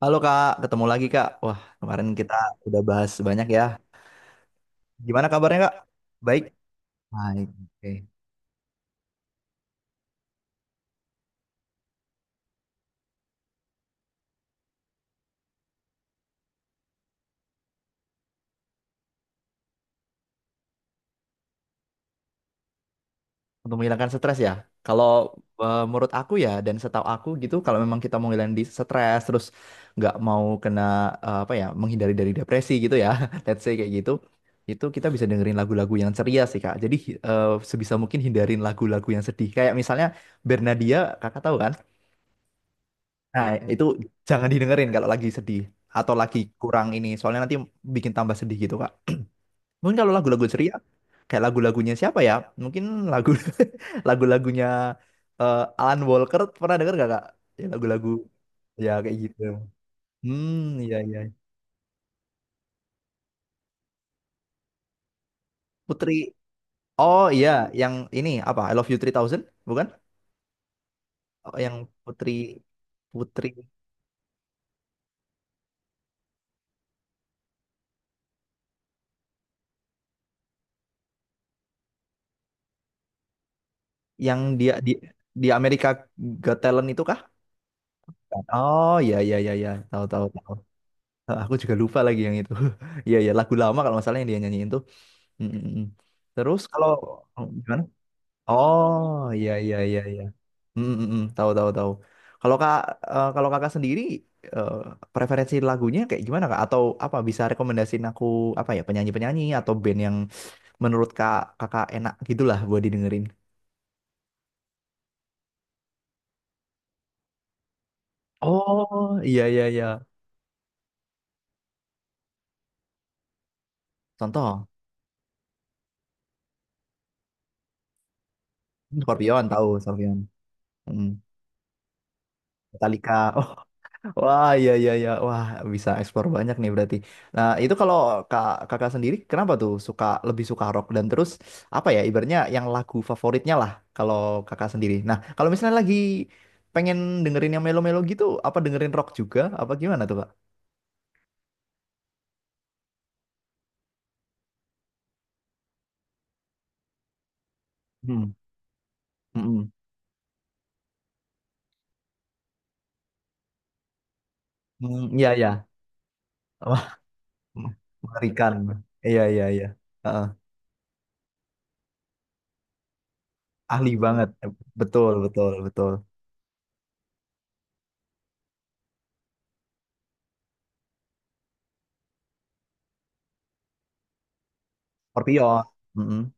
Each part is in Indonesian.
Halo Kak, ketemu lagi Kak. Wah, kemarin kita udah bahas banyak ya. Gimana kabarnya Kak? Baik. Baik. Oke. Untuk menghilangkan stres ya. Kalau menurut aku ya dan setahu aku gitu, kalau memang kita mau ngilangin di stres terus nggak mau kena apa ya, menghindari dari depresi gitu ya, let's say kayak gitu, itu kita bisa dengerin lagu-lagu yang ceria sih Kak. Jadi eh, sebisa mungkin hindarin lagu-lagu yang sedih. Kayak misalnya Bernadia, Kakak tahu kan? Nah, itu jangan didengerin kalau lagi sedih atau lagi kurang ini, soalnya nanti bikin tambah sedih gitu, Kak. Mungkin kalau lagu-lagu ceria, kayak lagu-lagunya siapa ya? Mungkin lagu lagu-lagunya Alan Walker pernah denger gak, Kak? Ya lagu-lagu ya kayak gitu. Hmm, iya iya. Putri. Oh iya, yang ini apa? I Love You 3000, bukan? Oh, yang Putri Putri yang dia di Amerika Got Talent itu kah? Oh iya iya iya iya, tahu tahu. Tahu. Ah, aku juga lupa lagi yang itu. Iya ya lagu lama kalau masalah yang dia nyanyiin tuh. Mm, mm, mm. Terus kalau oh, gimana? Oh iya iya iya iya. Mm, mm, mm. Tahu tahu tahu. Kalau kak kalau kakak sendiri eh, preferensi lagunya kayak gimana kak? Atau apa bisa rekomendasiin aku apa ya penyanyi penyanyi atau band yang menurut kakak enak gitulah buat didengerin? Oh iya iya iya. Contoh Scorpion tahu Scorpion. Mm. Metallica. Wah, iya iya iya. Wah, bisa eksplor banyak nih berarti. Nah, itu kalau kakak sendiri kenapa tuh lebih suka rock dan terus apa ya ibaratnya yang lagu favoritnya lah kalau kakak sendiri. Nah, kalau misalnya lagi pengen dengerin yang melo-melo gitu, apa dengerin rock juga apa gimana tuh, Kak? Hmm. Mm. Hmm, iya iya. Wah, mengerikan. Iya iya iya. Heeh. Ahli banget. Betul, betul, betul. Scorpion. Mm-mm.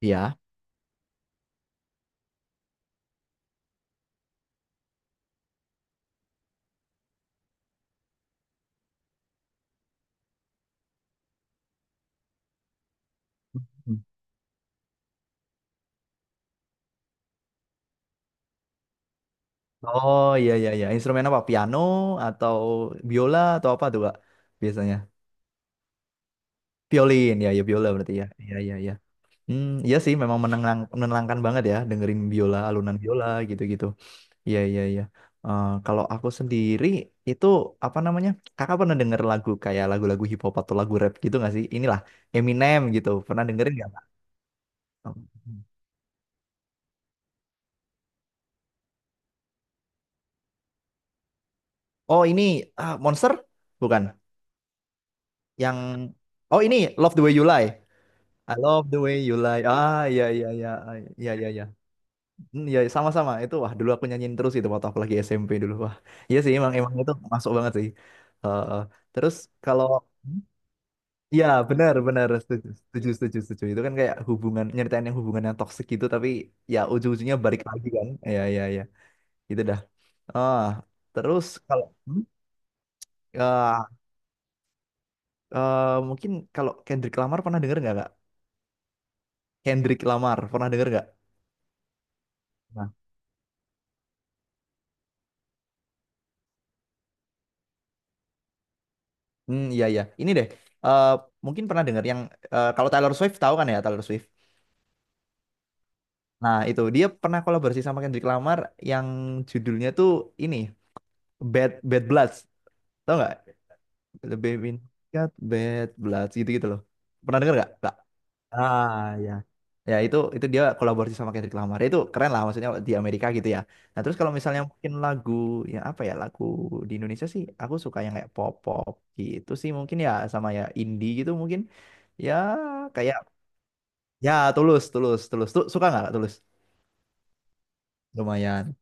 Iya. Hmm. Oh iya iya iya. Instrumen apa? Piano atau biola atau apa tuh Kak? Biasanya. Violin ya ya biola berarti ya. Iya iya iya. Hmm, iya sih memang menenangkan banget ya dengerin biola, alunan biola gitu-gitu. Iya iya iya. Kalau aku sendiri itu apa namanya? Kakak pernah denger lagu kayak lagu-lagu hip hop atau lagu rap gitu nggak sih? Inilah Eminem gitu. Pernah dengerin nggak Kak? Oh, hmm. Oh, ini ah, Monster bukan? Yang Oh, ini Love the Way You Lie. I love the way you lie. Ah, iya iya iya. Ah, iya iya iya. Hmm, iya sama-sama. Itu wah dulu aku nyanyiin terus itu waktu aku lagi SMP dulu. Wah. Iya sih emang emang itu masuk banget sih. Eh, eh. Terus kalau iya benar benar setuju setuju setuju setuju. Itu kan kayak nyeritain yang hubungan yang toksik gitu tapi ya ujung-ujungnya balik lagi kan. Iya iya iya itu dah ah terus kalau hmm? Ah, mungkin kalau Kendrick Lamar pernah denger nggak kak. Kendrick Lamar pernah denger nggak? Nah, hmm, iya iya. Ini deh, eh, mungkin pernah dengar yang kalau Taylor Swift tahu kan ya Taylor Swift. Nah itu dia pernah kolaborasi sama Kendrick Lamar yang judulnya tuh ini Bad Bad Bloods, tahu nggak? The Baby Got Bad Bloods gitu gitu loh. Pernah dengar nggak? Ah ya. Ya itu dia kolaborasi sama Kendrick Lamar. Itu keren lah maksudnya di Amerika gitu ya. Nah, terus kalau misalnya mungkin lagu yang apa ya? Lagu di Indonesia sih aku suka yang kayak pop-pop gitu sih mungkin ya sama ya indie gitu mungkin. Ya kayak ya Tulus, Tulus, Tulus. Tuh suka nggak Tulus? Lumayan.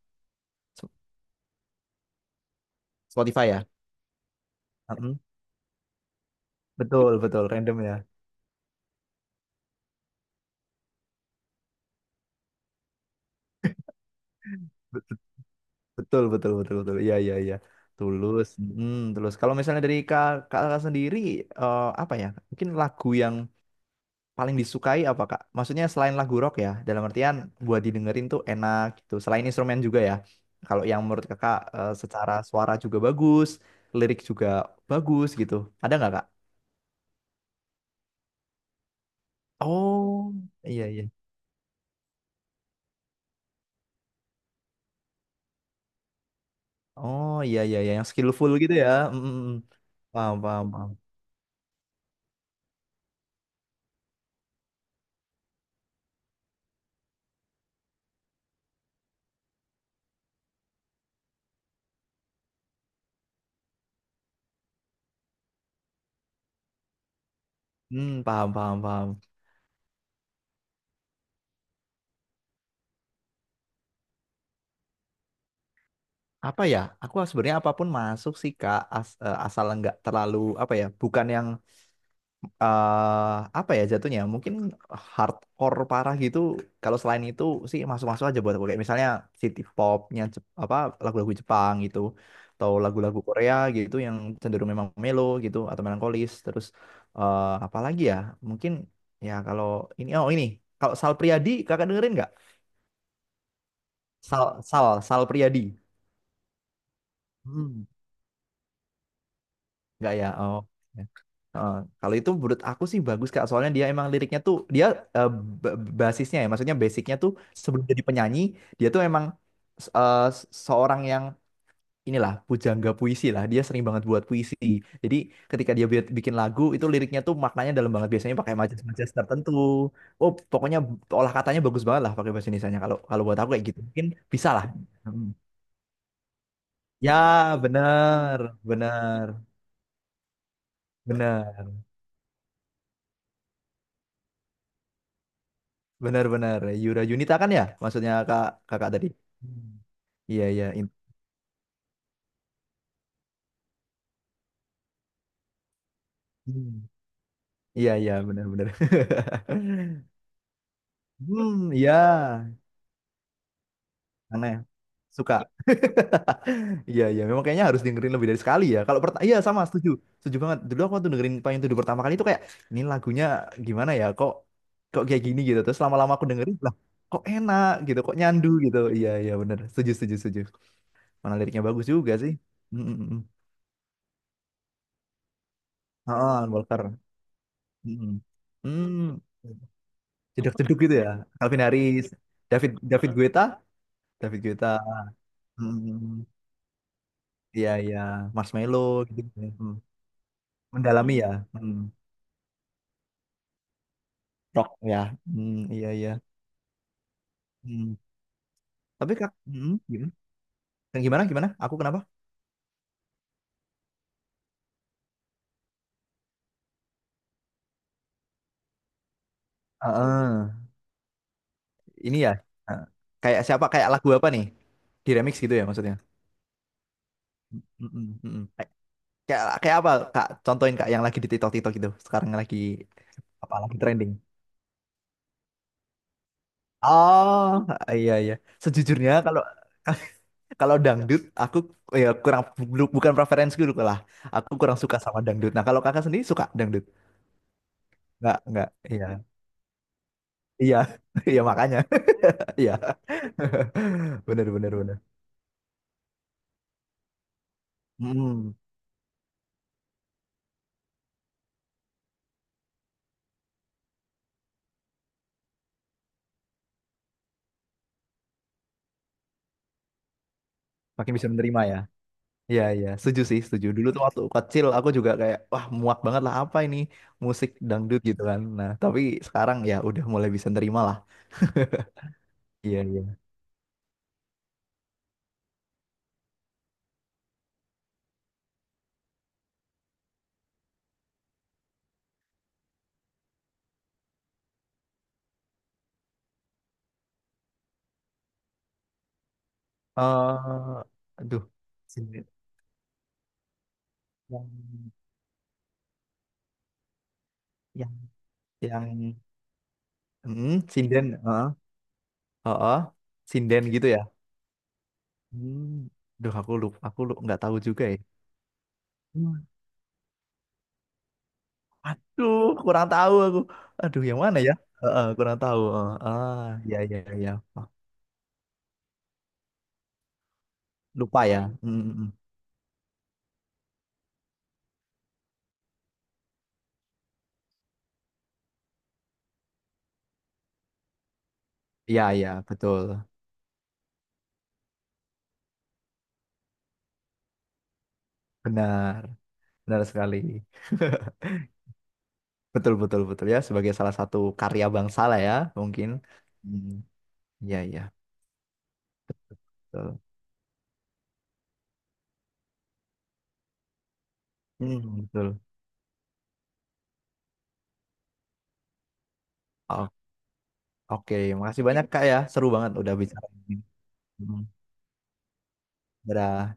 Spotify ya. Mm-mm. Betul, betul, random ya. Betul, betul, betul, betul. Iya, iya, iya. Tulus. Mm, tulus. Kalau misalnya dari kakak sendiri, apa ya? Mungkin lagu yang paling disukai apa Kak? Maksudnya selain lagu rock ya, dalam artian buat didengerin tuh enak gitu. Selain instrumen juga ya. Kalau yang menurut Kakak secara suara juga bagus, lirik juga bagus gitu. Ada nggak Kak? Oh, iya iya. Oh, iya iya iya yang skillful gitu ya. Mm, mm, mm. Paham paham paham. Hmm, paham paham paham. Apa ya? Aku sebenarnya apapun masuk sih Kak, asal nggak terlalu apa ya? Bukan yang eh apa ya jatuhnya mungkin hardcore parah gitu kalau selain itu sih masuk-masuk aja buat aku kayak misalnya city popnya apa lagu-lagu Jepang gitu atau lagu-lagu Korea gitu yang cenderung memang melo gitu atau melankolis terus apa lagi ya mungkin ya kalau oh ini kalau Sal Priadi kakak dengerin nggak. Sal Sal Sal Priadi. Hmm. Nggak ya. Oh. Ya. Heeh. Kalau itu menurut aku sih bagus Kak, soalnya dia emang liriknya tuh dia eh, ba- basisnya ya, maksudnya basicnya tuh sebelum jadi penyanyi dia tuh emang eh, seorang yang inilah pujangga puisi lah, dia sering banget buat puisi. Jadi ketika dia bikin lagu itu liriknya tuh maknanya dalam banget biasanya pakai majas-majas tertentu. Oh pokoknya olah katanya bagus banget lah pakai bahasa Indonesianya. Kalau kalau buat aku kayak gitu mungkin bisa lah. Hmm. Ya bener bener bener. Benar-benar Yura Yunita kan ya, maksudnya kakak tadi. Hmm. Iya iya, hmm. Iya iya, benar-benar. Hmm, iya, aneh. Suka. Iya iya, memang kayaknya harus dengerin lebih dari sekali ya. Kalau pertama, iya sama, setuju, setuju banget. Dulu aku tuh dengerin Payung Teduh pertama kali itu kayak ini lagunya gimana ya? Kok kok kayak gini gitu. Terus lama-lama aku dengerin lah, kok enak gitu, kok nyandu gitu. Iya iya benar, setuju setuju setuju. Mana liriknya bagus juga sih. Mm, mm, mm. Ah, Walker. Mm-mm. Hmm, apa jeduk-jeduk gitu ya. Calvin Harris, David David Guetta, David Guetta. Hmm, iya iya, Marshmello gitu. Hmm. Mendalami. Hmm. Ya. Hmm. Rock ya. Hmm, iya iya. Hmm. Tapi Kak, gimana? Dan gimana gimana? Aku kenapa? Heeh. Ini ya. eh, Kayak siapa kayak lagu apa nih? Di remix gitu ya maksudnya. Mm-mm, mm-mm. Kayak kayak apa Kak? Contohin Kak yang lagi di TikTok-TikTok gitu. Sekarang lagi apa lagi trending? Oh, iya iya. Sejujurnya kalau kalau dangdut aku ya kurang bukan preferensiku dulu lah. Aku kurang suka sama dangdut. Nah, kalau kakak sendiri suka dangdut? Enggak, enggak. Iya. Iya. Iya makanya. Iya. Bener bener bener. Mm, makin bisa menerima ya. Iya iya, setuju sih, setuju. Dulu tuh waktu kecil aku juga kayak wah muak banget lah apa ini musik dangdut gitu kan. Nah, tapi sekarang ya udah mulai bisa nerima lah. Iya iya. Eh, aduh. yang yang yang hmm, sinden heeh heeh, sinden gitu ya. Hmm, duh aku lupa aku lu nggak tahu juga ya. Hmm. Duh kurang tahu aku aduh yang mana ya. Heeh, kurang tahu heeh. Ah ya ya ya. Ah, lupa ya hmm, hmm, hmm. Ya ya betul benar benar sekali. Betul betul betul ya sebagai salah satu karya bangsa lah ya mungkin hmm, ya ya betul, betul. Hmm, betul. Oh, oke, makasih banyak Kak ya. Seru banget udah bicara. Ini. Hmm, dadah.